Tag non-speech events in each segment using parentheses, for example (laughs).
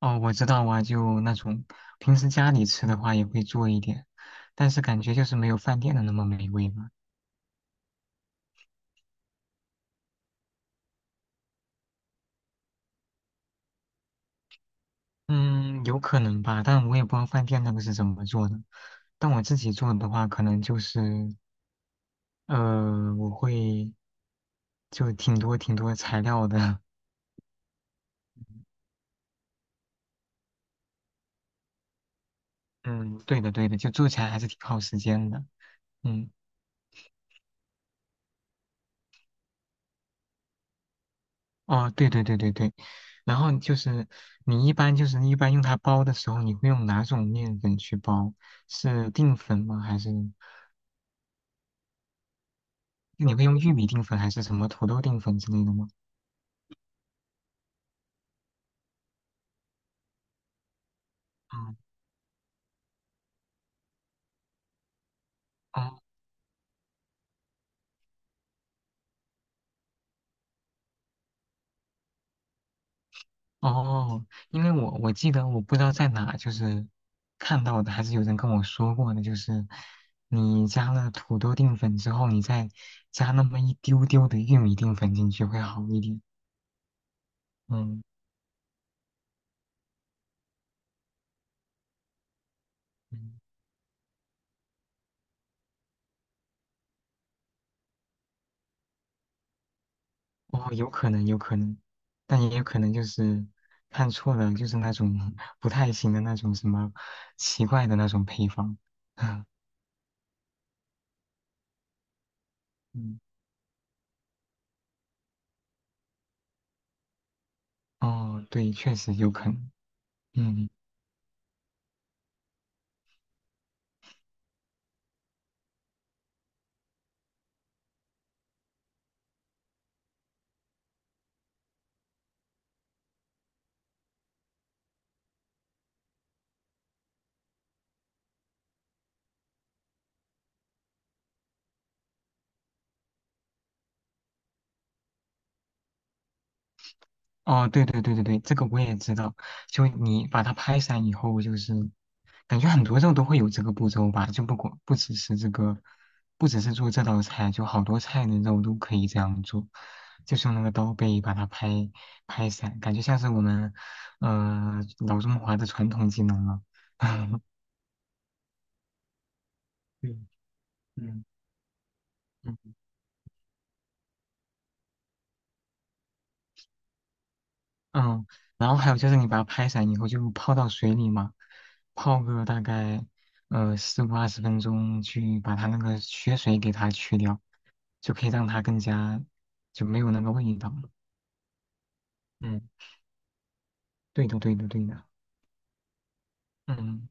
哦，我知道啊，就那种平时家里吃的话也会做一点，但是感觉就是没有饭店的那么美味嘛。嗯，有可能吧，但我也不知道饭店那个是怎么做的。但我自己做的话，可能就是我会就挺多挺多材料的。(laughs) 嗯，对的对的，就做起来还是挺耗时间的。嗯，哦，对对对对对。然后就是你一般用它包的时候，你会用哪种面粉去包？是淀粉吗？还是？那你会用玉米淀粉还是什么土豆淀粉之类的吗？嗯，哦哦，因为我记得我不知道在哪就是看到的，还是有人跟我说过的，就是你加了土豆淀粉之后，你再加那么一丢丢的玉米淀粉进去会好一点。嗯嗯，哦，有可能有可能，但也有可能就是看错了，就是那种 (laughs) 不太行的那种什么奇怪的那种配方。(laughs) 嗯，哦，对，确实有可能。嗯。哦，对对对对对，这个我也知道。就你把它拍散以后，就是感觉很多肉都会有这个步骤吧，就不只是这个，不只是做这道菜，就好多菜的肉都可以这样做，就是用那个刀背把它拍散，感觉像是我们老中华的传统技能了。(laughs) 对，嗯嗯，嗯嗯，然后还有就是你把它拍散以后就泡到水里嘛，泡个大概15到20分钟，去把它那个血水给它去掉，就可以让它更加就没有那个味道了。嗯，对的，对的，对的。嗯，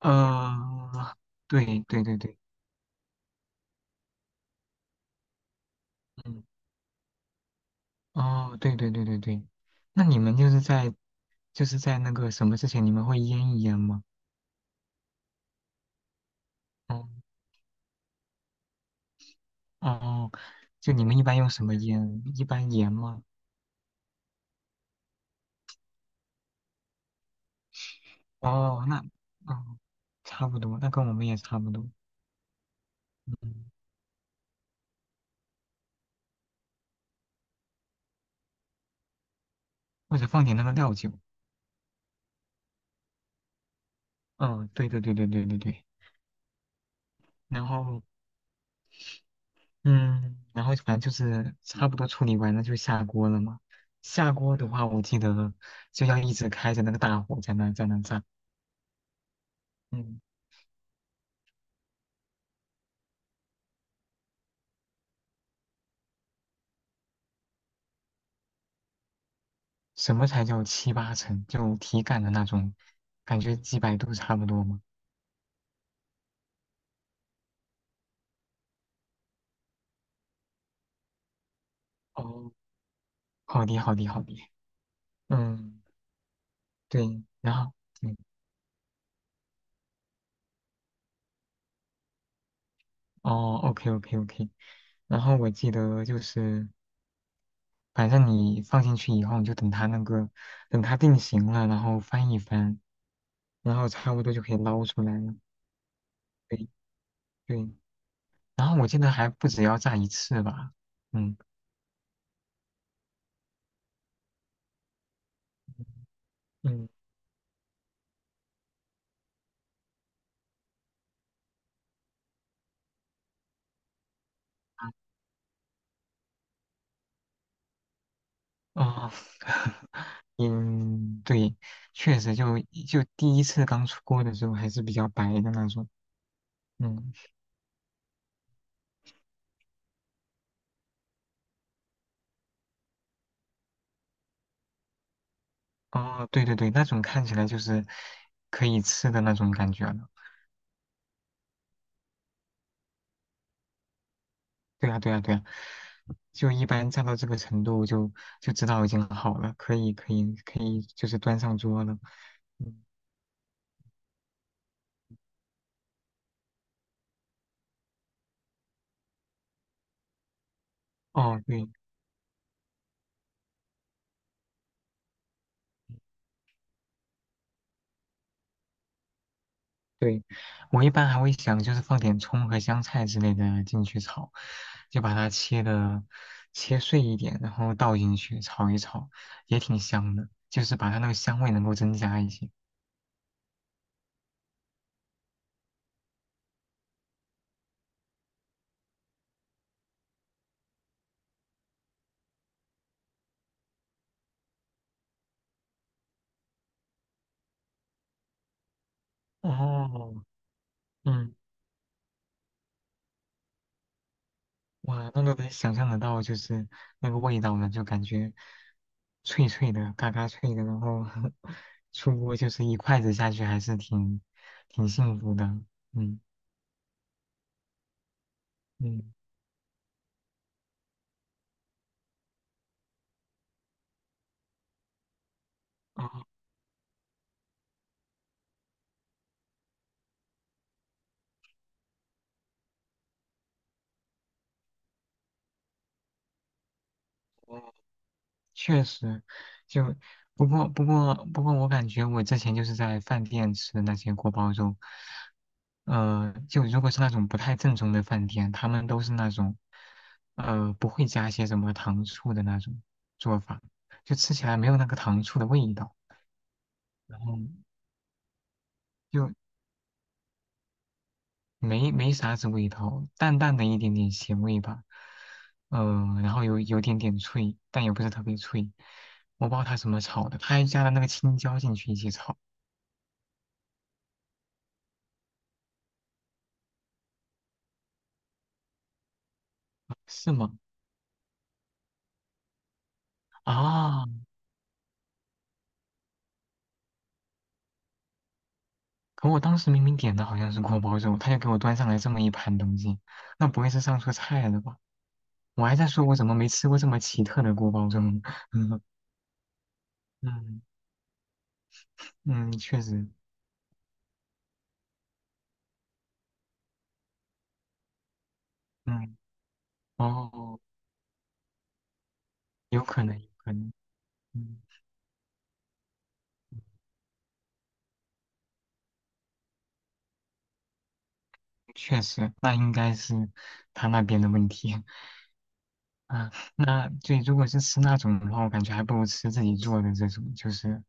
呃，对对对对，嗯，哦，对对对对对，那你们就是在那个什么之前，你们会腌一腌吗？哦哦，就你们一般用什么腌？一般盐吗？哦，那，哦，差不多，那跟我们也差不多。嗯，或者放点那个料酒。嗯，对对对对对对对。然后，嗯，然后反正就是差不多处理完了就下锅了嘛。下锅的话，我记得就要一直开着那个大火在那炸。嗯，什么才叫七八成？就体感的那种，感觉几百度差不多嘛。哦，好的好的好的。嗯，对，然后。对，哦，OK OK OK，然后我记得就是，反正你放进去以后，你就等它那个，等它定型了，然后翻一翻，然后差不多就可以捞出来了。对对，然后我记得还不止要炸一次吧？嗯嗯，啊，哦，(laughs) 嗯，对，确实就第一次刚出锅的时候还是比较白的那种。嗯，哦，对对对，那种看起来就是可以吃的那种感觉了。对啊，对啊，对啊，就一般炸到这个程度就知道已经好了，可以，可以，可以，就是端上桌了。嗯，哦，对对，我一般还会想就是放点葱和香菜之类的进去炒，就把它切碎一点，然后倒进去炒一炒，也挺香的，就是把它那个香味能够增加一些。哦，嗯。哇，那都能想象得到，就是那个味道呢，就感觉脆脆的，嘎嘎脆的，然后 (laughs) 出锅就是一筷子下去，还是挺幸福的。嗯嗯，哦，确实，就不过，我感觉我之前就是在饭店吃的那些锅包肉，就如果是那种不太正宗的饭店，他们都是那种，不会加一些什么糖醋的那种做法，就吃起来没有那个糖醋的味道，然后就没啥子味道，淡淡的一点点咸味吧，然后有点点脆，但也不是特别脆，我不知道它怎么炒的，它还加了那个青椒进去一起炒。是吗？啊，可我当时明明点的好像是锅包肉，他就给我端上来这么一盘东西，那不会是上错菜了吧？我还在说我怎么没吃过这么奇特的锅包肉呢。(laughs) 嗯嗯嗯，确实，嗯，哦，有可能，有可能，嗯，确实，那应该是他那边的问题。啊，那对，如果是吃那种的话，我感觉还不如吃自己做的这种，就是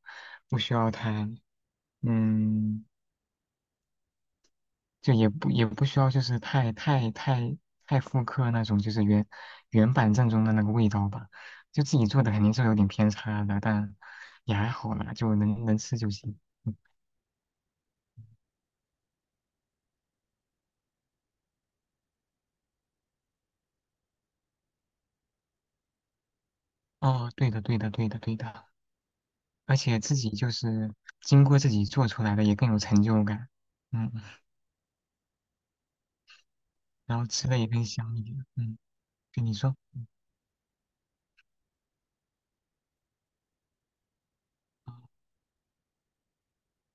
不需要太，嗯。就也不需要就是太复刻那种就是原版正宗的那个味道吧，就自己做的肯定是有点偏差的，但也还好啦，就能吃就行。嗯，哦，对的对的对的对的，而且自己就是经过自己做出来的也更有成就感，嗯，(laughs) 然后吃的也更香一点，嗯，跟你说，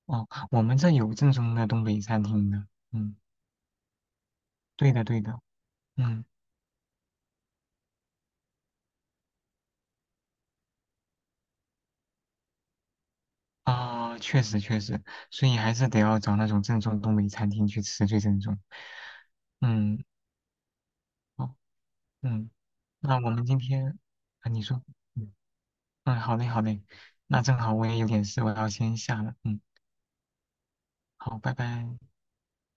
哦，我们这有正宗的东北餐厅的，嗯，对的对的，嗯。啊，确实确实，所以还是得要找那种正宗东北餐厅去吃最正宗。嗯，好，嗯，那我们今天，啊，你说，嗯，嗯，好嘞好嘞，那正好我也有点事，我要先下了，嗯，好，拜拜。